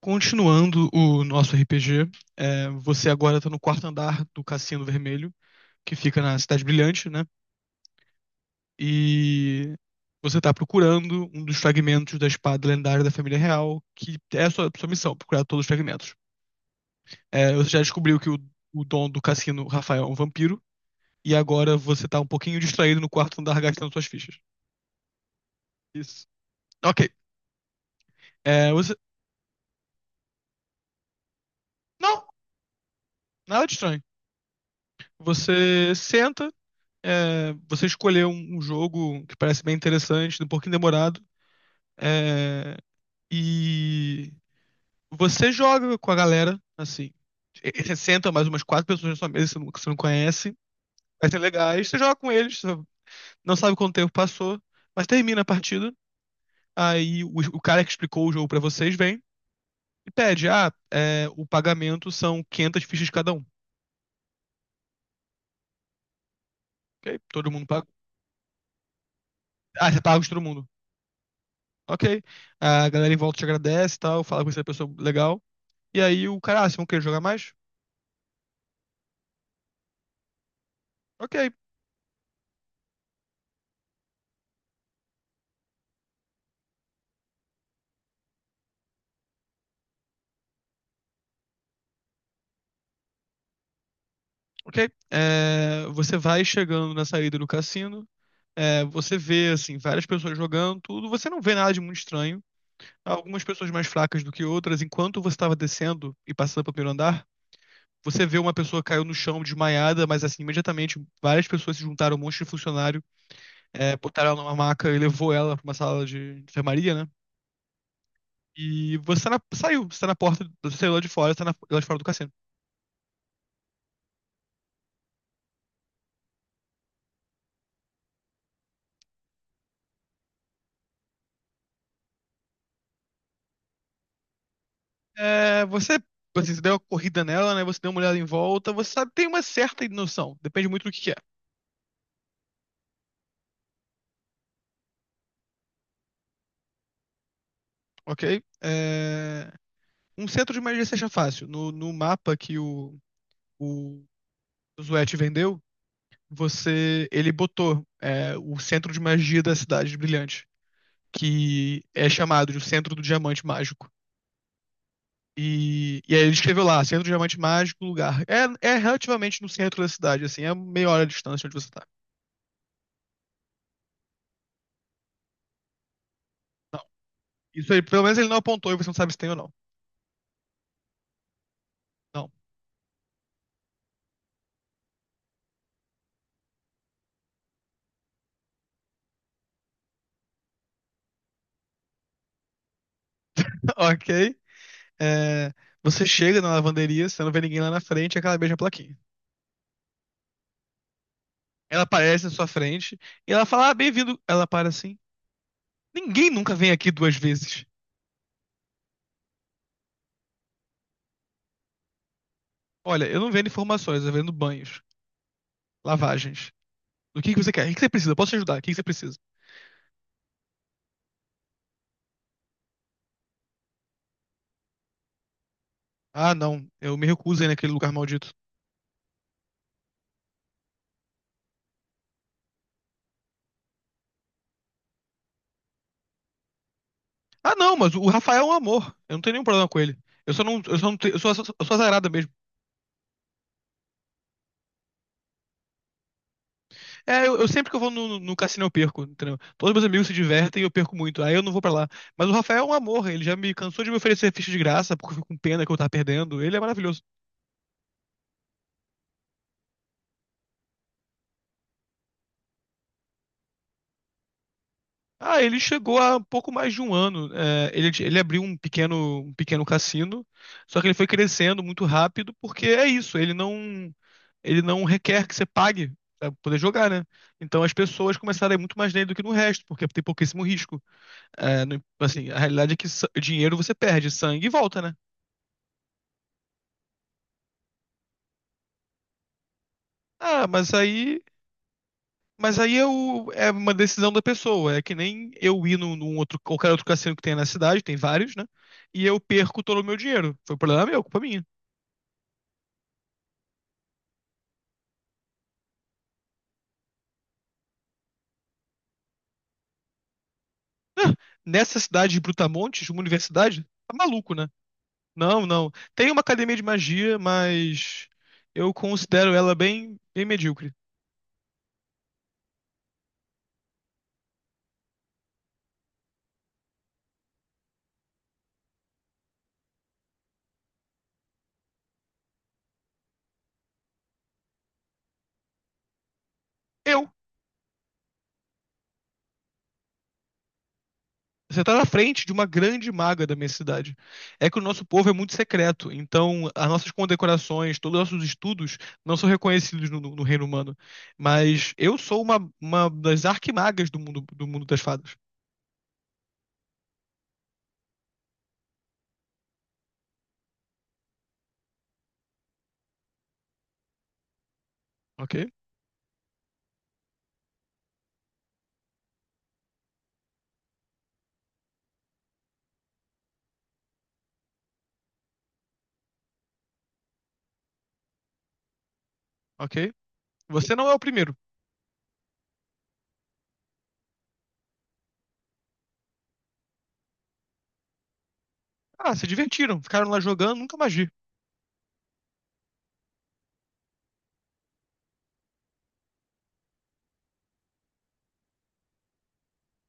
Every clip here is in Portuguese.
Continuando o nosso RPG, você agora tá no quarto andar do Cassino Vermelho, que fica na Cidade Brilhante, né? E você tá procurando um dos fragmentos da espada lendária da família real, que é a sua missão, procurar todos os fragmentos. Você já descobriu que o dono do cassino, Rafael, é um vampiro, e agora você tá um pouquinho distraído no quarto andar gastando suas fichas. Isso. Ok. É, você... Não, nada de estranho. Você senta, você escolher um jogo que parece bem interessante, um pouquinho demorado, é, e você joga com a galera, assim. Você senta mais umas quatro pessoas na sua mesa que você não conhece, vai ser legais, você joga com eles, você não sabe quanto tempo passou, mas termina a partida. Aí o cara que explicou o jogo pra vocês vem e pede: ah, o pagamento são 500 fichas cada um. Ok, todo mundo paga. Ah, você paga de todo mundo. Ok. A galera em volta te agradece e tal, fala com essa pessoa legal. E aí o cara, ah, vocês vão querer jogar mais? Ok, ok. Você vai chegando na saída do cassino, você vê, assim, várias pessoas jogando, tudo. Você não vê nada de muito estranho. Algumas pessoas mais fracas do que outras. Enquanto você estava descendo e passando pelo primeiro andar, você vê uma pessoa caiu no chão desmaiada, mas assim, imediatamente várias pessoas se juntaram, um monte de funcionário, botaram ela numa maca e levou ela para uma sala de enfermaria, né? E você saiu, você tá na porta, você saiu lá de fora, você lá de fora do cassino. Você, assim, você deu uma corrida nela, né? Você deu uma olhada em volta, você sabe, tem uma certa noção, depende muito do que é, ok? Um centro de magia seja fácil. No mapa que o, o Zuete vendeu, ele botou o centro de magia da cidade de Brilhante, que é chamado de o Centro do Diamante Mágico. E aí ele escreveu lá, Centro do Diamante Mágico, lugar. É relativamente no centro da cidade, assim, é meia hora de distância de onde você tá. Não. Isso aí, pelo menos ele não apontou e você não sabe se tem ou não. Não. Ok. É, Você chega na lavanderia, você não vê ninguém lá na frente, é que beija a plaquinha. Ela aparece na sua frente e ela fala: Ah, bem-vindo. Ela para assim. Ninguém nunca vem aqui duas vezes. Olha, eu não vendo informações, eu vendo banhos, lavagens. O que que você quer? O que que você precisa? Eu posso te ajudar? O que que você precisa? Ah, não, eu me recuso aí naquele lugar maldito. Ah, não, mas o Rafael é um amor. Eu não tenho nenhum problema com ele. Eu só não, eu só não, eu sou azarada. Eu sempre que eu vou no cassino eu perco, entendeu? Todos meus amigos se divertem e eu perco muito, aí eu não vou pra lá. Mas o Rafael é um amor, ele já me cansou de me oferecer ficha de graça porque eu fico com pena que eu tava perdendo. Ele é maravilhoso. Ah, ele chegou há pouco mais de um ano. Ele abriu um pequeno cassino, só que ele foi crescendo muito rápido porque é isso, ele não requer que você pague. Pra poder jogar, né? Então as pessoas começaram a ir muito mais nele do que no resto, porque tem pouquíssimo risco. Assim, a realidade é que dinheiro você perde, sangue volta, né? Ah, mas aí. Mas aí é uma decisão da pessoa. É que nem eu ir num outro, qualquer outro cassino que tenha na cidade, tem vários, né? E eu perco todo o meu dinheiro. Foi um problema meu, culpa minha. Ah, nessa cidade de Brutamontes, uma universidade, tá maluco, né? Não, não. Tem uma academia de magia, mas eu considero ela bem, bem medíocre. Eu Você está na frente de uma grande maga da minha cidade. É que o nosso povo é muito secreto, então as nossas condecorações, todos os nossos estudos não são reconhecidos no reino humano. Mas eu sou uma das arquimagas do mundo das fadas. Ok? Ok? Você não é o primeiro. Ah, se divertiram, ficaram lá jogando, nunca mais vi.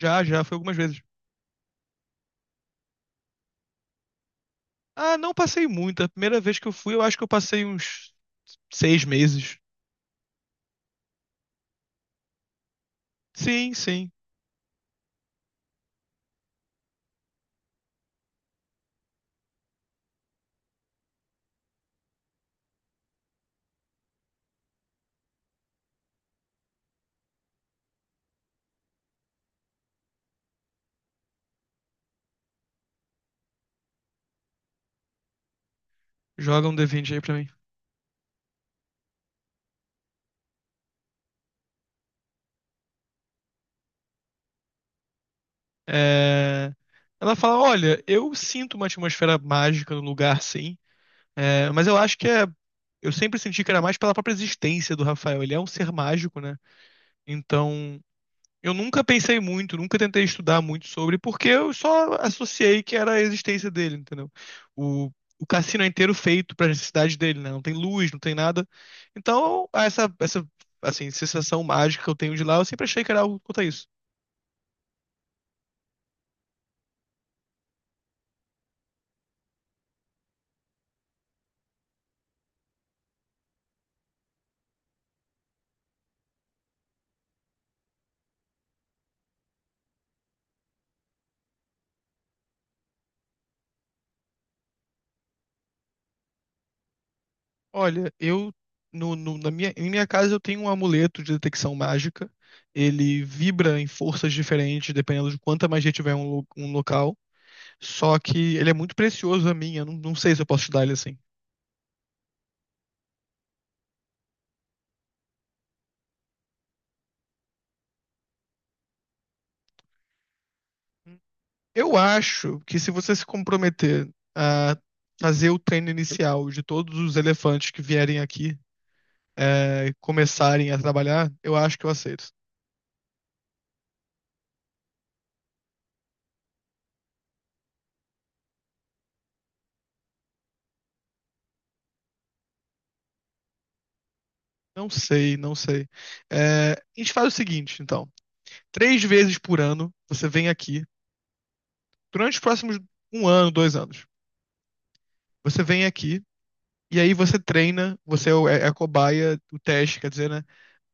Já, já, foi algumas vezes. Ah, não passei muito. A primeira vez que eu fui, eu acho que eu passei uns 6 meses. Sim, sim. Joga um D20 aí pra mim. É, Ela fala: Olha, eu sinto uma atmosfera mágica no lugar, sim, mas eu acho que é. Eu sempre senti que era mais pela própria existência do Rafael. Ele é um ser mágico, né? Então, eu nunca pensei muito, nunca tentei estudar muito sobre, porque eu só associei que era a existência dele, entendeu? O, o cassino é inteiro feito para necessidade dele, né? Não tem luz, não tem nada. Então, assim, sensação mágica que eu tenho de lá, eu sempre achei que era algo quanto a isso. Olha, eu em minha casa eu tenho um amuleto de detecção mágica. Ele vibra em forças diferentes, dependendo de quanta magia tiver um local. Só que ele é muito precioso a mim, eu não sei se eu posso te dar ele assim. Eu acho que se você se comprometer a fazer o treino inicial de todos os elefantes que vierem aqui, começarem a trabalhar, eu acho que eu aceito. Não sei, não sei. A gente faz o seguinte, então. Três vezes por ano, você vem aqui, durante os próximos um ano, 2 anos, você vem aqui e aí você treina, você é a cobaia, o teste, quer dizer, né?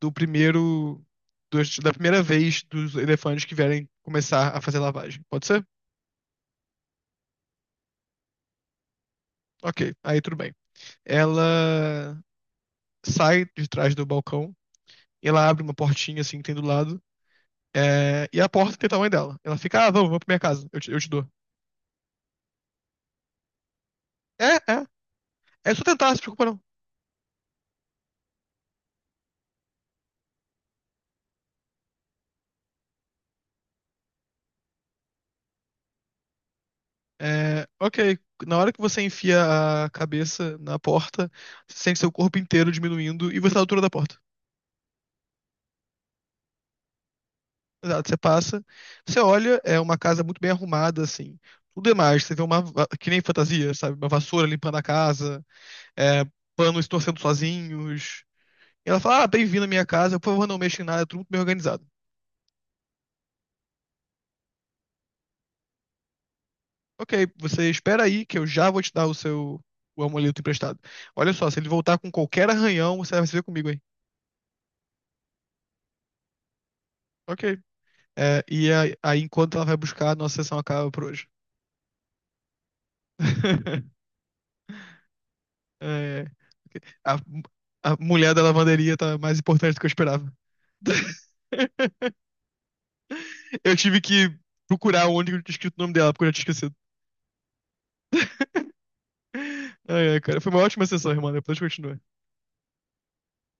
Do primeiro. Da primeira vez dos elefantes que vierem começar a fazer lavagem. Pode ser? Ok, aí tudo bem. Ela sai de trás do balcão, e ela abre uma portinha assim que tem do lado, e a porta tem o tamanho dela. Ela fica, ah, vamos, vamos pra minha casa, eu te, dou. É, é, é só tentar, se preocupa não. Ok, na hora que você enfia a cabeça na porta, você sente seu corpo inteiro diminuindo e você tá na altura da porta. Exato, você passa, você olha, é uma casa muito bem arrumada, assim. Tudo é mais, você vê que nem fantasia, sabe? Uma vassoura limpando a casa, é, panos torcendo sozinhos. E ela fala, ah, bem-vindo à minha casa, por favor, não mexa em nada, é tudo muito bem organizado. Ok, você espera aí que eu já vou te dar o amuleto emprestado. Olha só, se ele voltar com qualquer arranhão, você vai se ver comigo aí. Ok. E enquanto ela vai buscar, a nossa sessão acaba por hoje. É, a, a mulher da lavanderia tá mais importante do que eu esperava. Eu tive que procurar onde eu tinha escrito o nome dela, porque eu já tinha esquecido. Ai, ai, cara, foi uma ótima sessão, irmã. Depois continua.